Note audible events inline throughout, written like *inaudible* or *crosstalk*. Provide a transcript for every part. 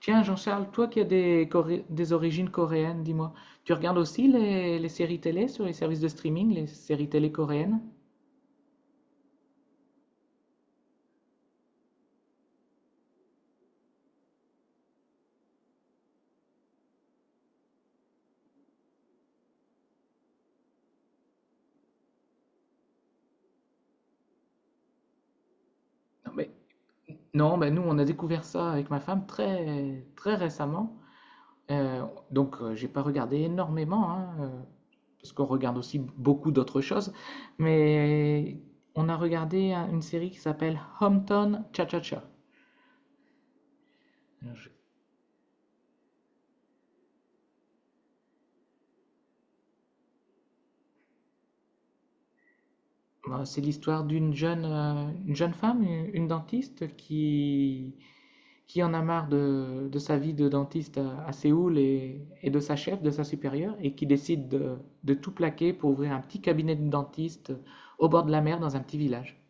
Tiens, Jean-Charles, toi qui as Coré- des origines coréennes, dis-moi, tu regardes aussi les séries télé sur les services de streaming, les séries télé coréennes? Non, mais, non, ben, nous, on a découvert ça avec ma femme très, très récemment. Euh, donc, j'ai pas regardé énormément, hein, parce qu'on regarde aussi beaucoup d'autres choses. Mais on a regardé une série qui s'appelle Hometown Cha-Cha-Cha. Alors, je- bah, c'est l'histoire d'une jeune, une jeune femme, une dentiste, qui en a marre de sa vie de dentiste à Séoul et de sa chef, de sa supérieure, et qui décide de tout plaquer pour ouvrir un petit cabinet de dentiste au bord de la mer dans un petit village.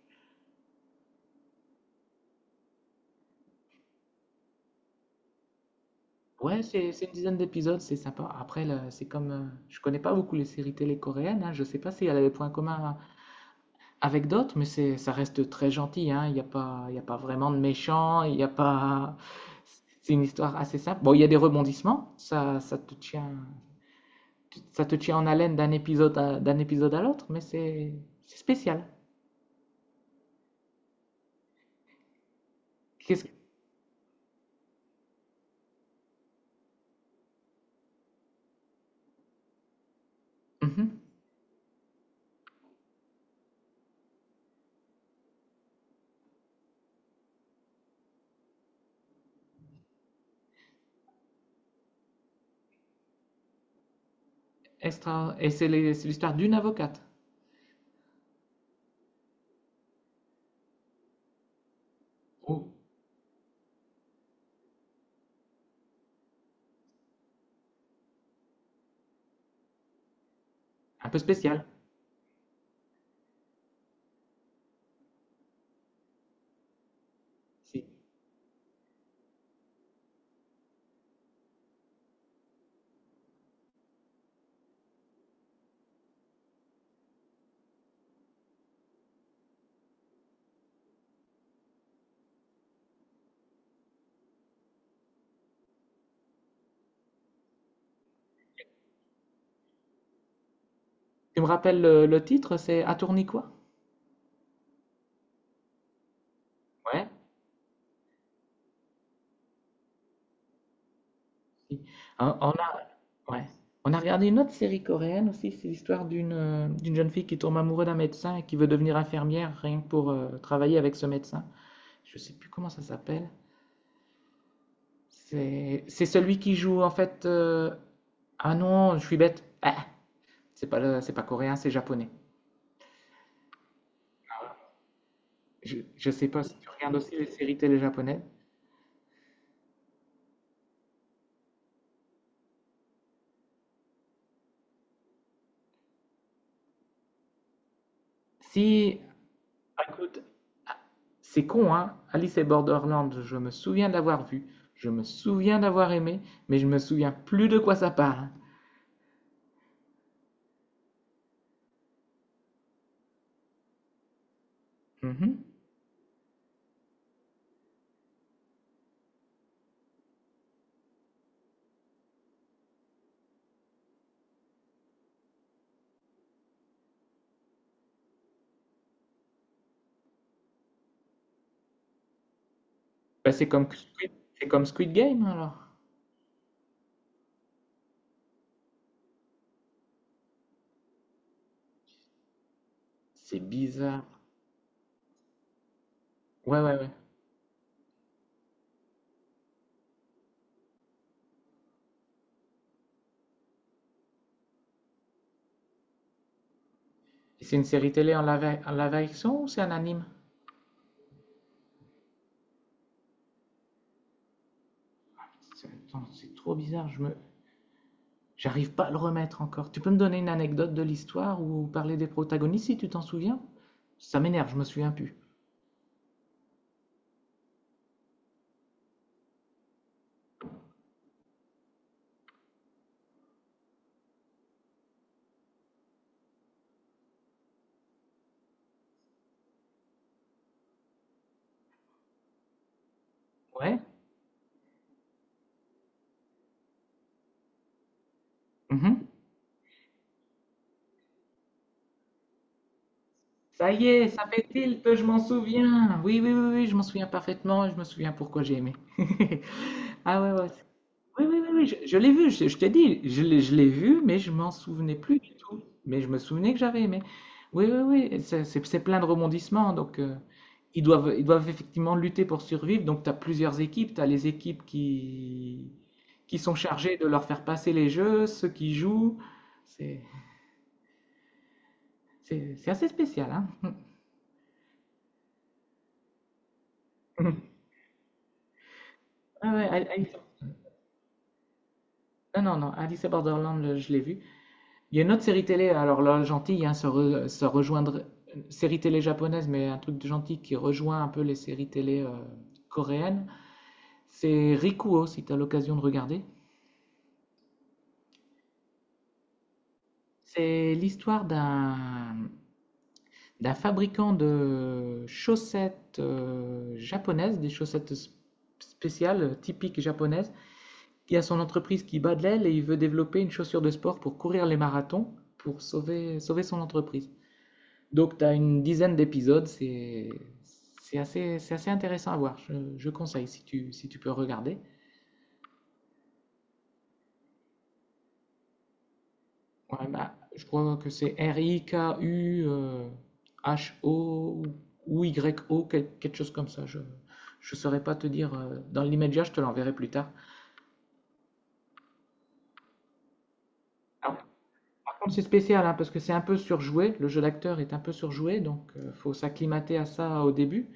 Ouais, c'est une dizaine d'épisodes, c'est sympa. Après, là, c'est comme. Je connais pas beaucoup les séries télé coréennes, hein, je sais pas si elle a des points communs avec d'autres, mais c'est, ça reste très gentil, hein. Il n'y a pas, il y a pas vraiment de méchants, il y a pas. C'est une histoire assez simple. Bon, il y a des rebondissements, ça, ça te tient en haleine d'un épisode d'un épisode à l'autre, mais c'est spécial. Qu'est-ce... que... Mhm. Extra... Et c'est c'est l'histoire d'une avocate. Oh, un peu spécial. Si. Tu me rappelles le titre, c'est À tourner quoi? Ouais. Si. Hein, on a, ouais. On a regardé une autre série coréenne aussi, c'est l'histoire d'une d'une jeune fille qui tombe amoureuse d'un médecin et qui veut devenir infirmière rien que pour travailler avec ce médecin. Je sais plus comment ça s'appelle. C'est celui qui joue en fait. Ah non, je suis bête. Ah, c'est pas, c'est pas coréen, c'est japonais. Je sais pas si tu regardes aussi les séries télé japonaises. Si, ah, écoute, ah, c'est con, hein. Alice et Borderland, je me souviens de l'avoir vu, je me souviens d'avoir aimé, mais je me souviens plus de quoi ça parle. Mhm. Bah, c'est comme Squid, c'est comme Squid Game alors. C'est bizarre. Ouais, ouais, ouais. Et c'est une série télé en live action ou c'est un anime? Attends, c'est trop bizarre. J'arrive pas à le remettre encore. Tu peux me donner une anecdote de l'histoire ou parler des protagonistes si tu t'en souviens? Ça m'énerve, je me souviens plus. Ouais? Mhm. Ça y est, ça fait tilt, je m'en souviens. Oui, oui, oui, oui, je m'en souviens parfaitement et je me souviens pourquoi j'ai aimé. *laughs* Ah ouais, ouais, oui, oui, oui, oui, je l'ai vu, je t'ai dit, je l'ai vu, mais je m'en souvenais plus du tout. Mais je me souvenais que j'avais aimé. Oui, oui, oui, c'est plein de rebondissements. Donc, ils doivent effectivement lutter pour survivre. Donc, tu as plusieurs équipes. Tu as les équipes qui sont chargées de leur faire passer les jeux, ceux qui jouent. C'est assez spécial, hein? *laughs* Ah ouais, Alice- non, non, non, Alice in Borderland, je l'ai vu. Il y a une autre série télé, alors là, gentille, hein, ça, ça rejoindrait. Série télé japonaise, mais un truc de gentil qui rejoint un peu les séries télé coréennes. C'est Rikuo, si tu as l'occasion de regarder. C'est l'histoire d'un d'un fabricant de chaussettes japonaises, des chaussettes spéciales, typiques japonaises, qui a son entreprise qui bat de l'aile et il veut développer une chaussure de sport pour courir les marathons, pour sauver, sauver son entreprise. Donc, tu as une dizaine d'épisodes, c'est assez intéressant à voir. Je conseille si tu, si tu peux regarder. Ouais, bah, je crois que c'est R-I-K-U-H-O ou Y-O, quelque chose comme ça. Je ne saurais pas te dire dans l'immédiat, je te l'enverrai plus tard. Alors, par contre, c'est spécial hein, parce que c'est un peu surjoué. Le jeu d'acteur est un peu surjoué, donc il faut s'acclimater à ça au début.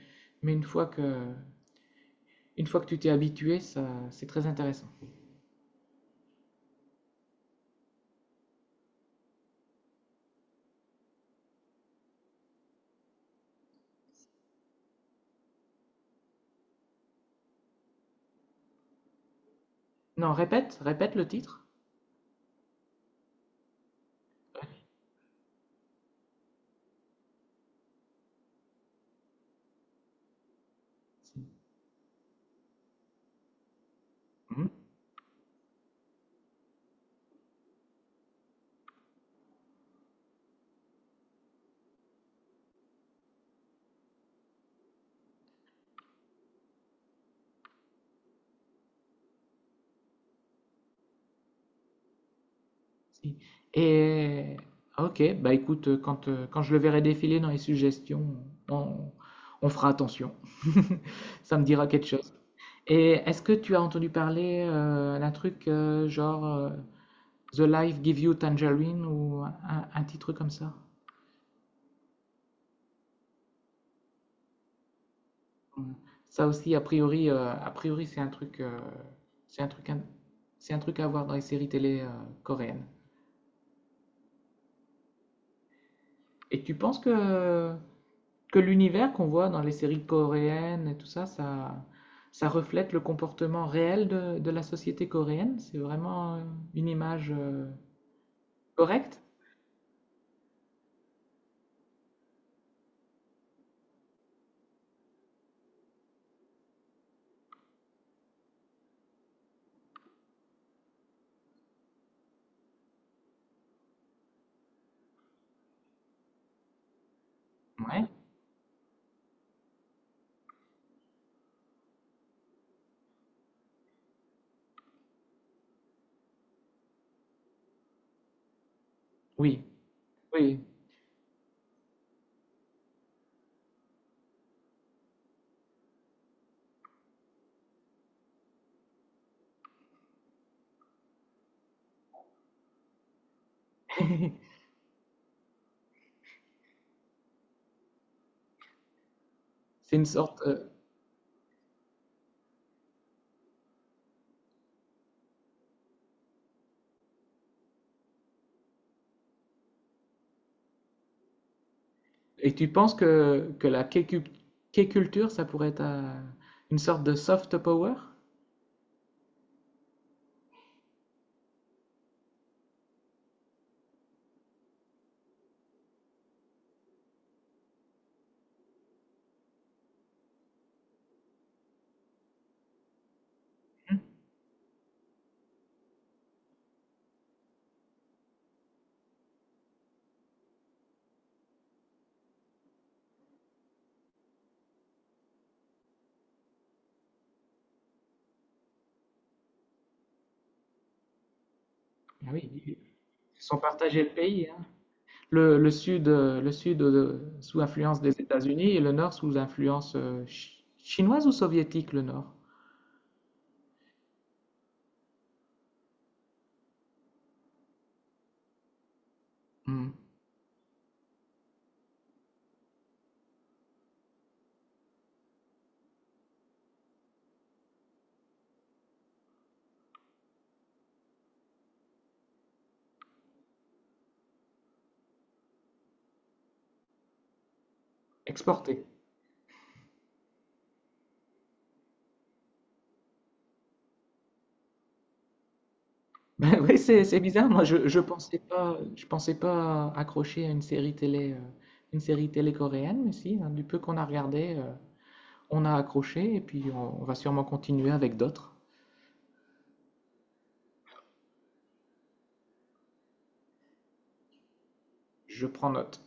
Mais une fois que tu t'es habitué, ça, c'est très intéressant. Non, répète, répète le titre. Si. Mmh. Si. Et OK, bah écoute, quand, quand je le verrai défiler dans les suggestions, on, on fera attention. *laughs* Ça me dira quelque chose. Et est-ce que tu as entendu parler d'un truc genre The Life Give You Tangerine ou un petit truc comme ça? Mm. Ça aussi, a priori, c'est un truc, c'est un truc, c'est un truc à voir dans les séries télé coréennes. Et tu penses que l'univers qu'on voit dans les séries coréennes et tout ça, ça, ça reflète le comportement réel de la société coréenne. C'est vraiment une image correcte? Ouais. Oui, oui. *laughs* C'est une sorte. Et tu penses que la K-culture, ça pourrait être une sorte de soft power? Hmm. Ah oui, ils sont partagés le pays. Hein. Le sud sous influence des États-Unis et le nord sous influence chinoise ou soviétique, le nord? Mmh. Exporté. *laughs* Bah, ouais, c'est bizarre. Moi, je pensais pas accrocher à une série télé coréenne, mais si, hein, du peu qu'on a regardé, on a accroché et puis on va sûrement continuer avec d'autres. Je prends note.